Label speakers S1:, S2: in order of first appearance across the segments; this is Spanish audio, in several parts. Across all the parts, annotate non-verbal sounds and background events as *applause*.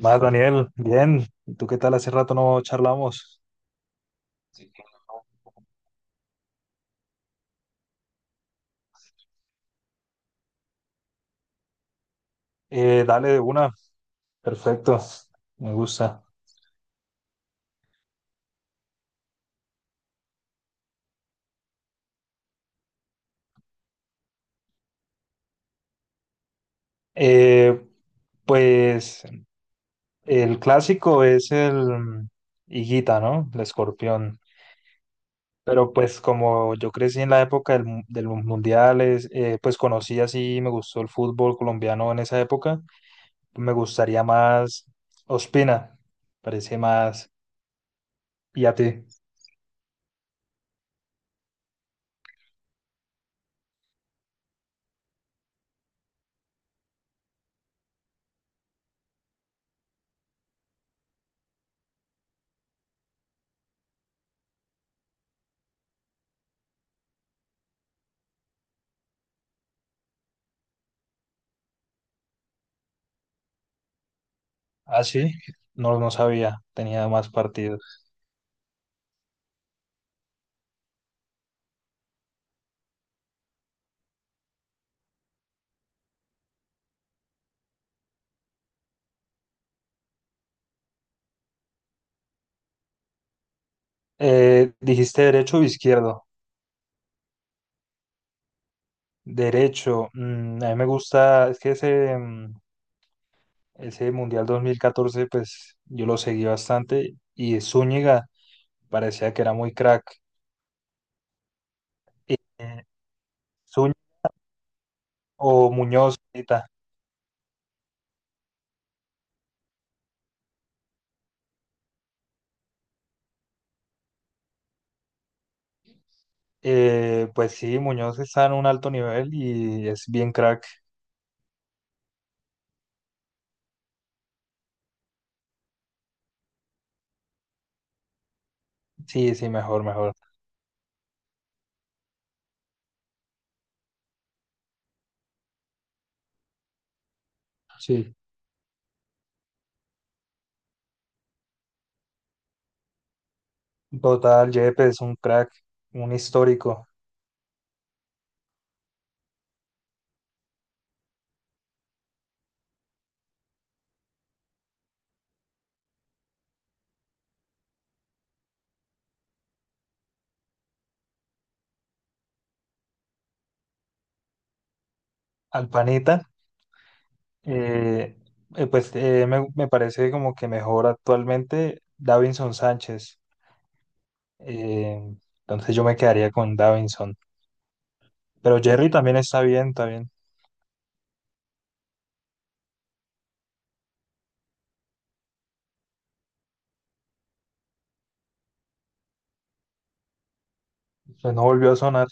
S1: Más, Daniel, bien. ¿Y tú qué tal? Hace rato no charlamos. Dale de una. Perfecto. Me gusta. Eh, pues el clásico es el Higuita, ¿no? El escorpión. Pero pues como yo crecí en la época de los mundiales, pues conocí así, me gustó el fútbol colombiano en esa época. Me gustaría más Ospina. Parece más. ¿Y a ti? Ah, sí. No, no sabía. Tenía más partidos. Dijiste derecho o izquierdo. Derecho. A mí me gusta, es que ese ese Mundial 2014 pues yo lo seguí bastante y Zúñiga parecía que era muy crack. Eh, Zúñiga o Muñoz, ahorita. Pues sí, Muñoz está en un alto nivel y es bien crack. Sí, sí, mejor, mejor. Sí. Total, Yepes es un crack, un histórico. Alpanita. Eh, Me parece como que mejor actualmente Davinson Sánchez. Eh, entonces yo me quedaría con Davinson. Pero Jerry también está bien, está bien. Pues no volvió a sonar.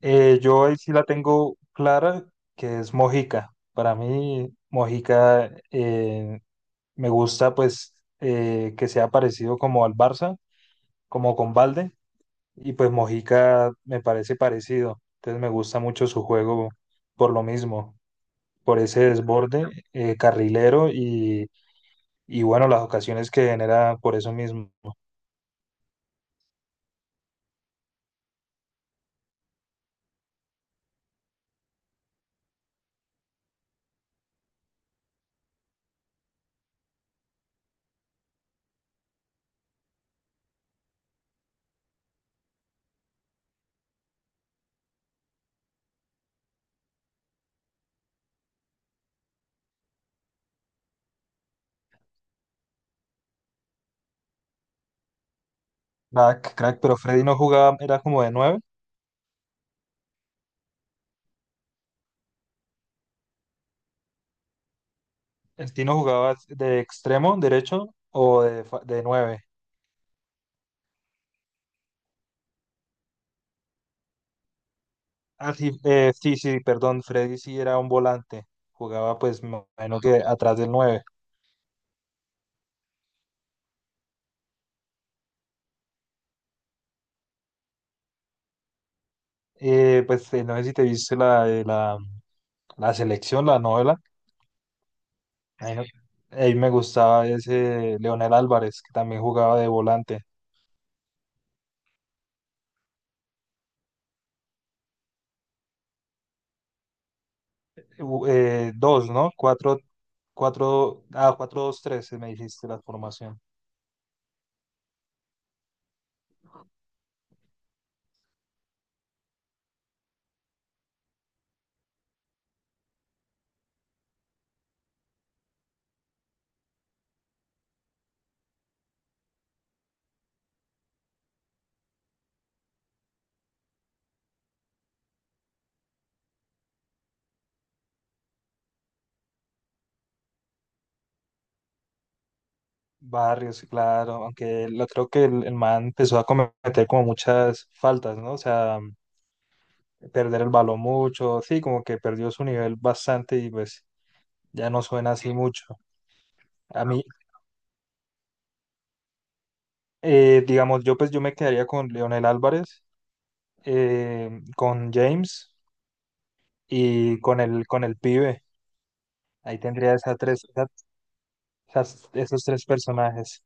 S1: Yo ahí sí la tengo clara, que es Mojica. Para mí, Mojica, me gusta pues que sea parecido como al Barça, como con Balde. Y pues Mojica me parece parecido. Entonces me gusta mucho su juego por lo mismo. Por ese desborde carrilero y bueno, las ocasiones que genera por eso mismo. Crack, crack, pero Freddy no jugaba, era como de nueve. El Tino jugaba de extremo derecho de nueve. Ah, sí, sí, sí, perdón, Freddy sí era un volante. Jugaba, pues me imagino que atrás del nueve. No sé si te viste la selección, la novela. Ahí, no- Ahí me gustaba ese Leonel Álvarez, que también jugaba de volante. Dos, no, cuatro. Cuatro, ah, cuatro, dos, tres, me dijiste la formación. Barrios, sí, claro, aunque lo, creo que el man empezó a cometer como muchas faltas, ¿no? O sea, perder el balón mucho, sí, como que perdió su nivel bastante y pues ya no suena así mucho. A mí, digamos, yo me quedaría con Leonel Álvarez, con James y con el pibe. Ahí tendría esas tres, esas- esas- esos tres personajes,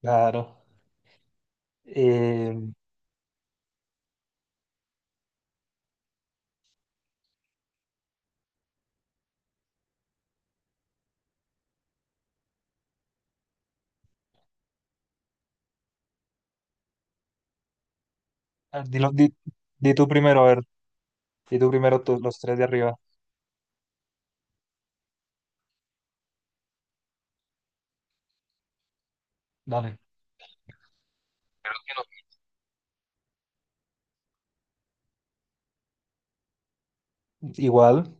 S1: claro. Eh, A ver, di tú primero, a ver, di tú primero los tres de arriba. Dale. Igual,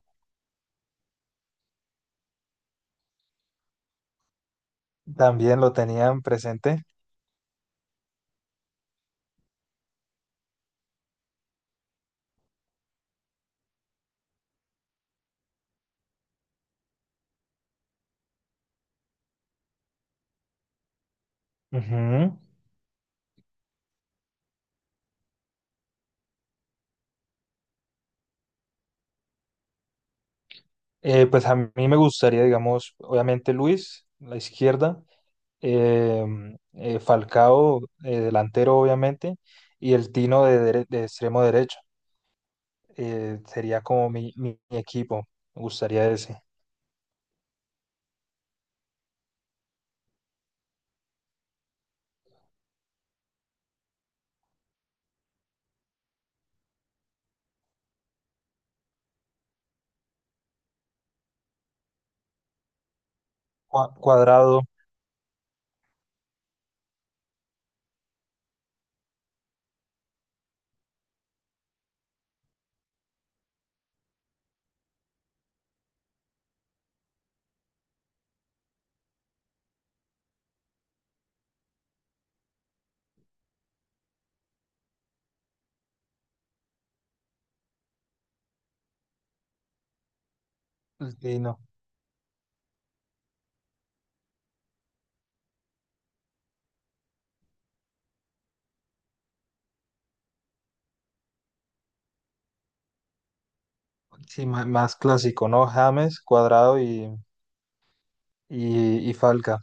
S1: también lo tenían presente. Ujú. A mí me gustaría, digamos, obviamente Luis, la izquierda, eh, Falcao, delantero, obviamente, y el Tino de extremo derecho. Sería como mi equipo, me gustaría ese. Cuadrado, el Tino, sí, más clásico, ¿no? James, Cuadrado y Falcao.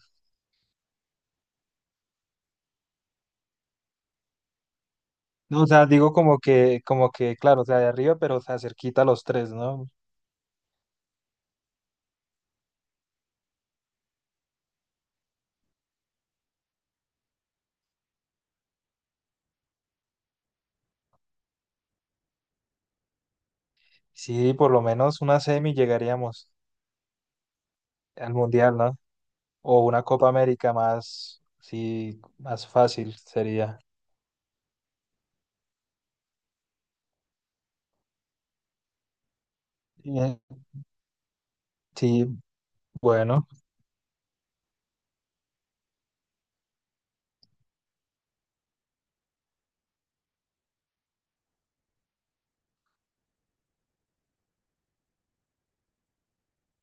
S1: No, o sea, digo como que, claro, o sea, de arriba, pero o sea, cerquita a los tres, ¿no? Sí, por lo menos una semi llegaríamos al Mundial, ¿no? O una Copa América más, sí, más fácil sería. Eh, Sí, bueno,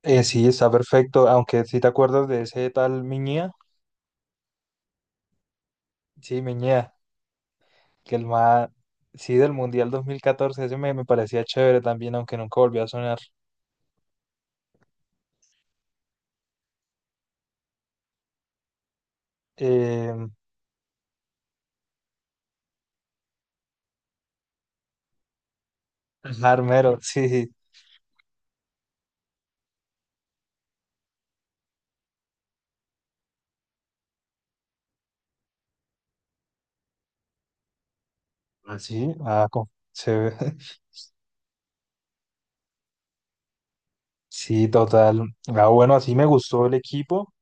S1: sí, está perfecto, aunque si te acuerdas de ese tal Miñía, sí, Miñía, que el más, sí, del Mundial 2014, ese me, me parecía chévere también, aunque nunca volvió a sonar. Eh, Armero, sí, sí. Ah, sí, sí, chévere. Sí, total. Ah, bueno, así me gustó el equipo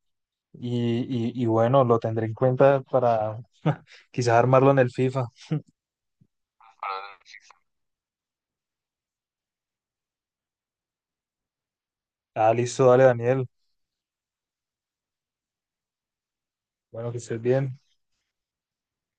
S1: y bueno, lo tendré en cuenta para *laughs* quizás armarlo en el FIFA. Ah, listo, dale, Daniel. Bueno, que estés bien.